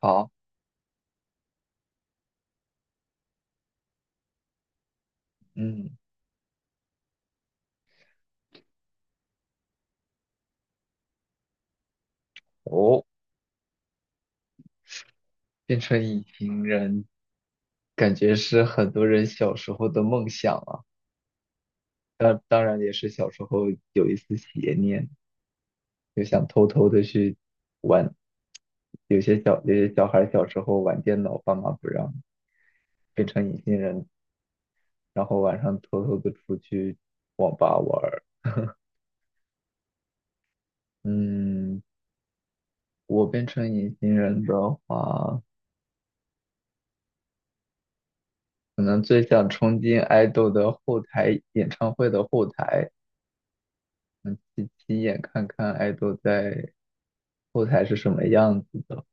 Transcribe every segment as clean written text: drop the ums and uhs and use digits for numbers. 好，嗯，哦，变成隐形人，感觉是很多人小时候的梦想啊。当然也是小时候有一丝邪念，就想偷偷的去玩。有些小孩小时候玩电脑，爸妈不让，变成隐形人，然后晚上偷偷的出去网吧玩儿。嗯，我变成隐形人的话，可能最想冲进爱豆的后台，演唱会的后台。嗯，亲亲眼看看爱豆在后台是什么样子的，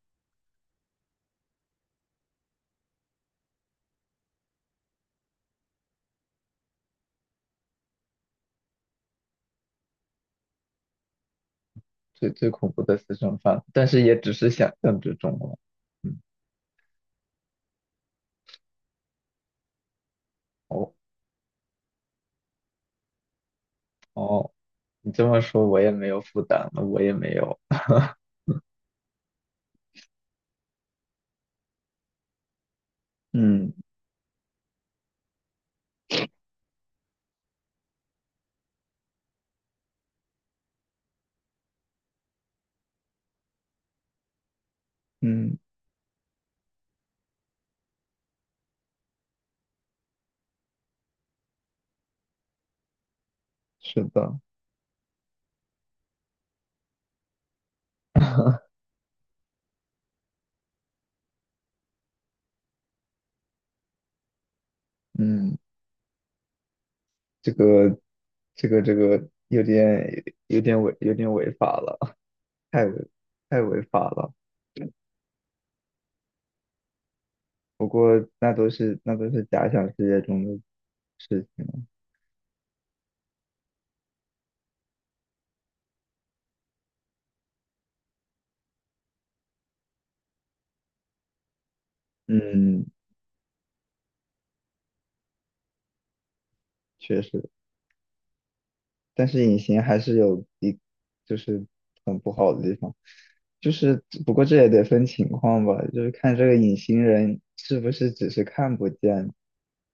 最恐怖的私生饭，但是也只是想象之中了。嗯，哦哦，你这么说我也没有负担了，我也没有。嗯嗯，是的，嗯，这个这个有点有点违法了，太违太违法了。不过那都是假想世界中的事情了嗯，确实。但是隐形还是就是很不好的地方，就是不过这也得分情况吧，就是看这个隐形人是不是只是看不见，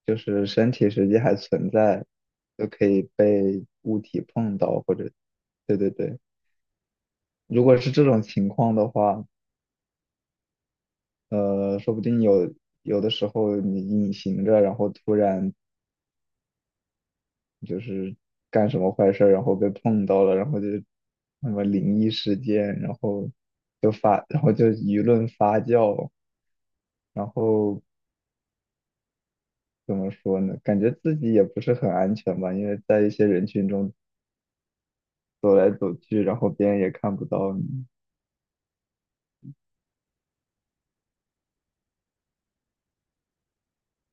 就是身体实际还存在，就可以被物体碰到或者，对，如果是这种情况的话，说不定有的时候你隐形着，然后突然就是干什么坏事儿，然后被碰到了，然后就什么灵异事件，然后就发，然后就舆论发酵，然后怎么说呢？感觉自己也不是很安全吧，因为在一些人群中走来走去，然后别人也看不到你。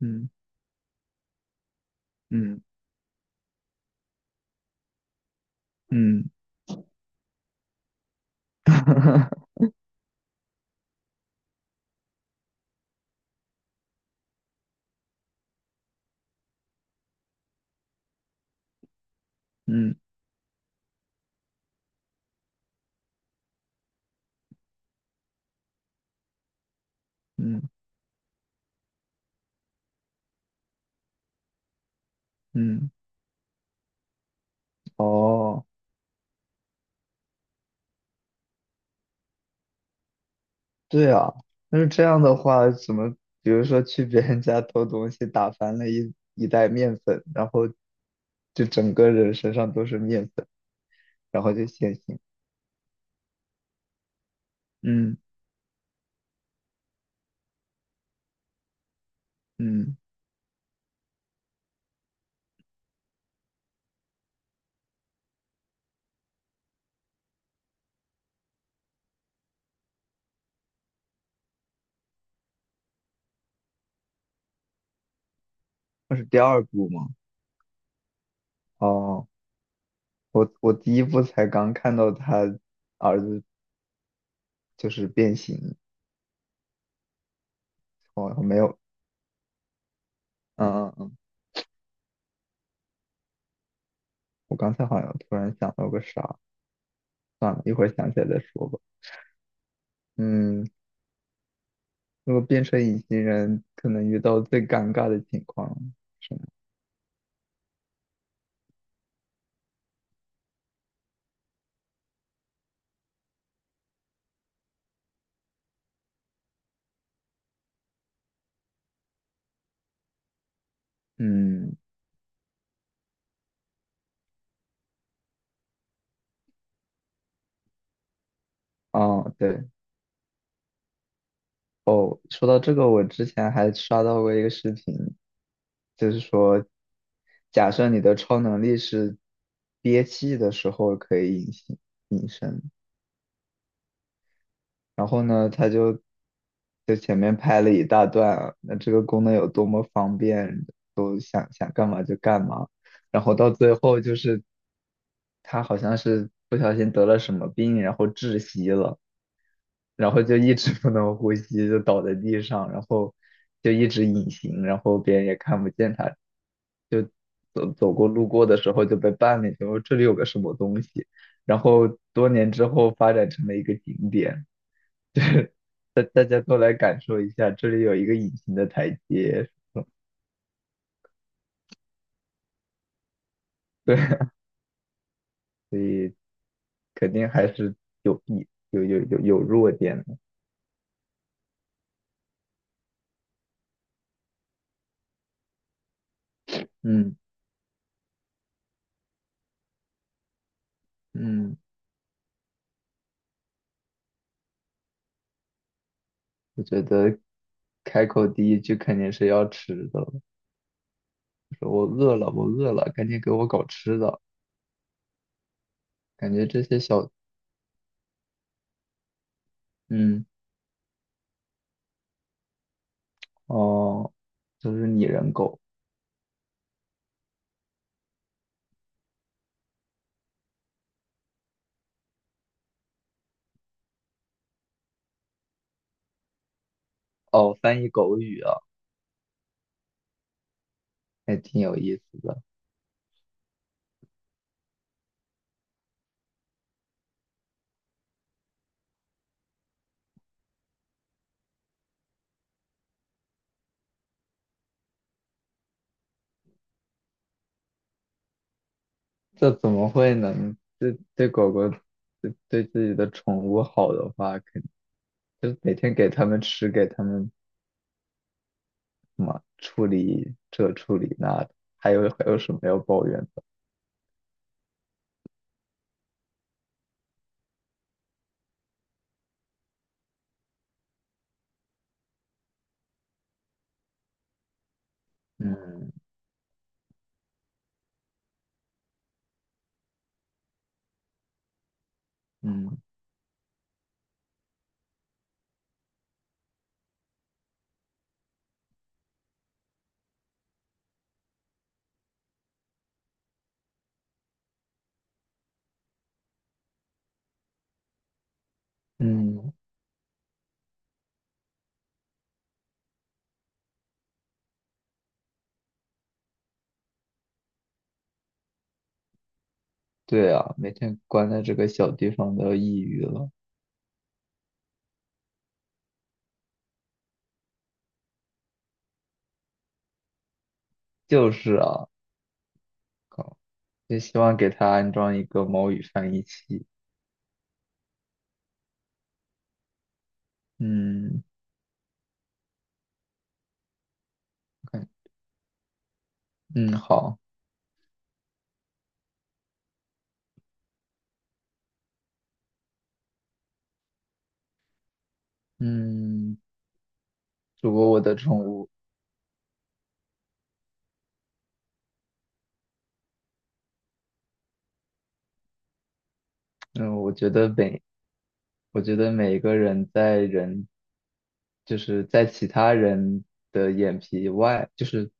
嗯嗯嗯 嗯嗯嗯，哦。对啊，但是这样的话，怎么，比如说去别人家偷东西，打翻了一袋面粉，然后就整个人身上都是面粉，然后就现形。嗯嗯，那是第二部吗？哦，我第一部才刚看到他儿子就是变形，我没有，嗯，我刚才好像突然想到个啥，算了，一会儿想起来再说吧。嗯，如果变成隐形人，可能遇到最尴尬的情况是什么嗯。嗯，对，说到这个，我之前还刷到过一个视频，就是说，假设你的超能力是憋气的时候可以隐身，然后呢，就前面拍了一大段啊那这个功能有多么方便，都想干嘛就干嘛，然后到最后就是他好像是不小心得了什么病，然后窒息了。然后就一直不能呼吸，就倒在地上，然后就一直隐形，然后别人也看不见他，就走过路过的时候就被绊了一下，我这里有个什么东西，然后多年之后发展成了一个景点，大家都来感受一下，这里有一个隐形的台阶，对，肯定还是有弊，有弱点的，嗯嗯，我觉得。开口第一句肯定是要吃的，说我饿了，我饿了，赶紧给我搞吃的。感觉这些小，嗯，哦，就是拟人狗，哦，翻译狗语啊，还挺有意思的。这怎么会呢？对狗狗，对自己的宠物好的话，肯就每天给它们吃，给它们什么处理这处理那的，还有什么要抱怨的？嗯嗯嗯，对啊，每天关在这个小地方都要抑郁了。就是啊，靠，也希望给它安装一个猫语翻译器。嗯。嗯，嗯好，嗯，主播我的宠物，嗯，我觉得每一个人就是在其他人的眼皮外，就是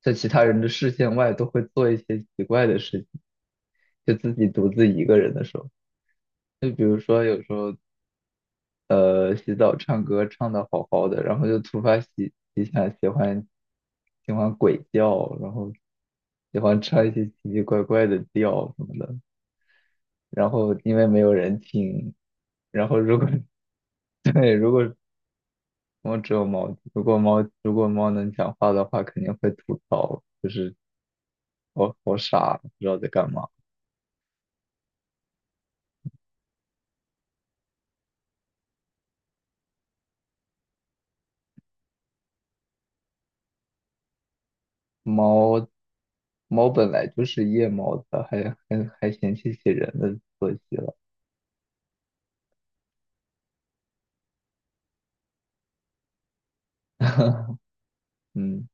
在其他人的视线外，都会做一些奇怪的事情，就自己独自一个人的时候，就比如说有时候，洗澡唱歌唱的好好的，然后就突发奇想，喜欢鬼叫，然后喜欢唱一些奇奇怪怪的调什么的。然后因为没有人听，然后如果 对，如果我只有猫，如果猫能讲话的话，肯定会吐槽，就是我好傻，不知道在干嘛。猫猫本来就是夜猫子，还嫌弃起人的作息了。嗯。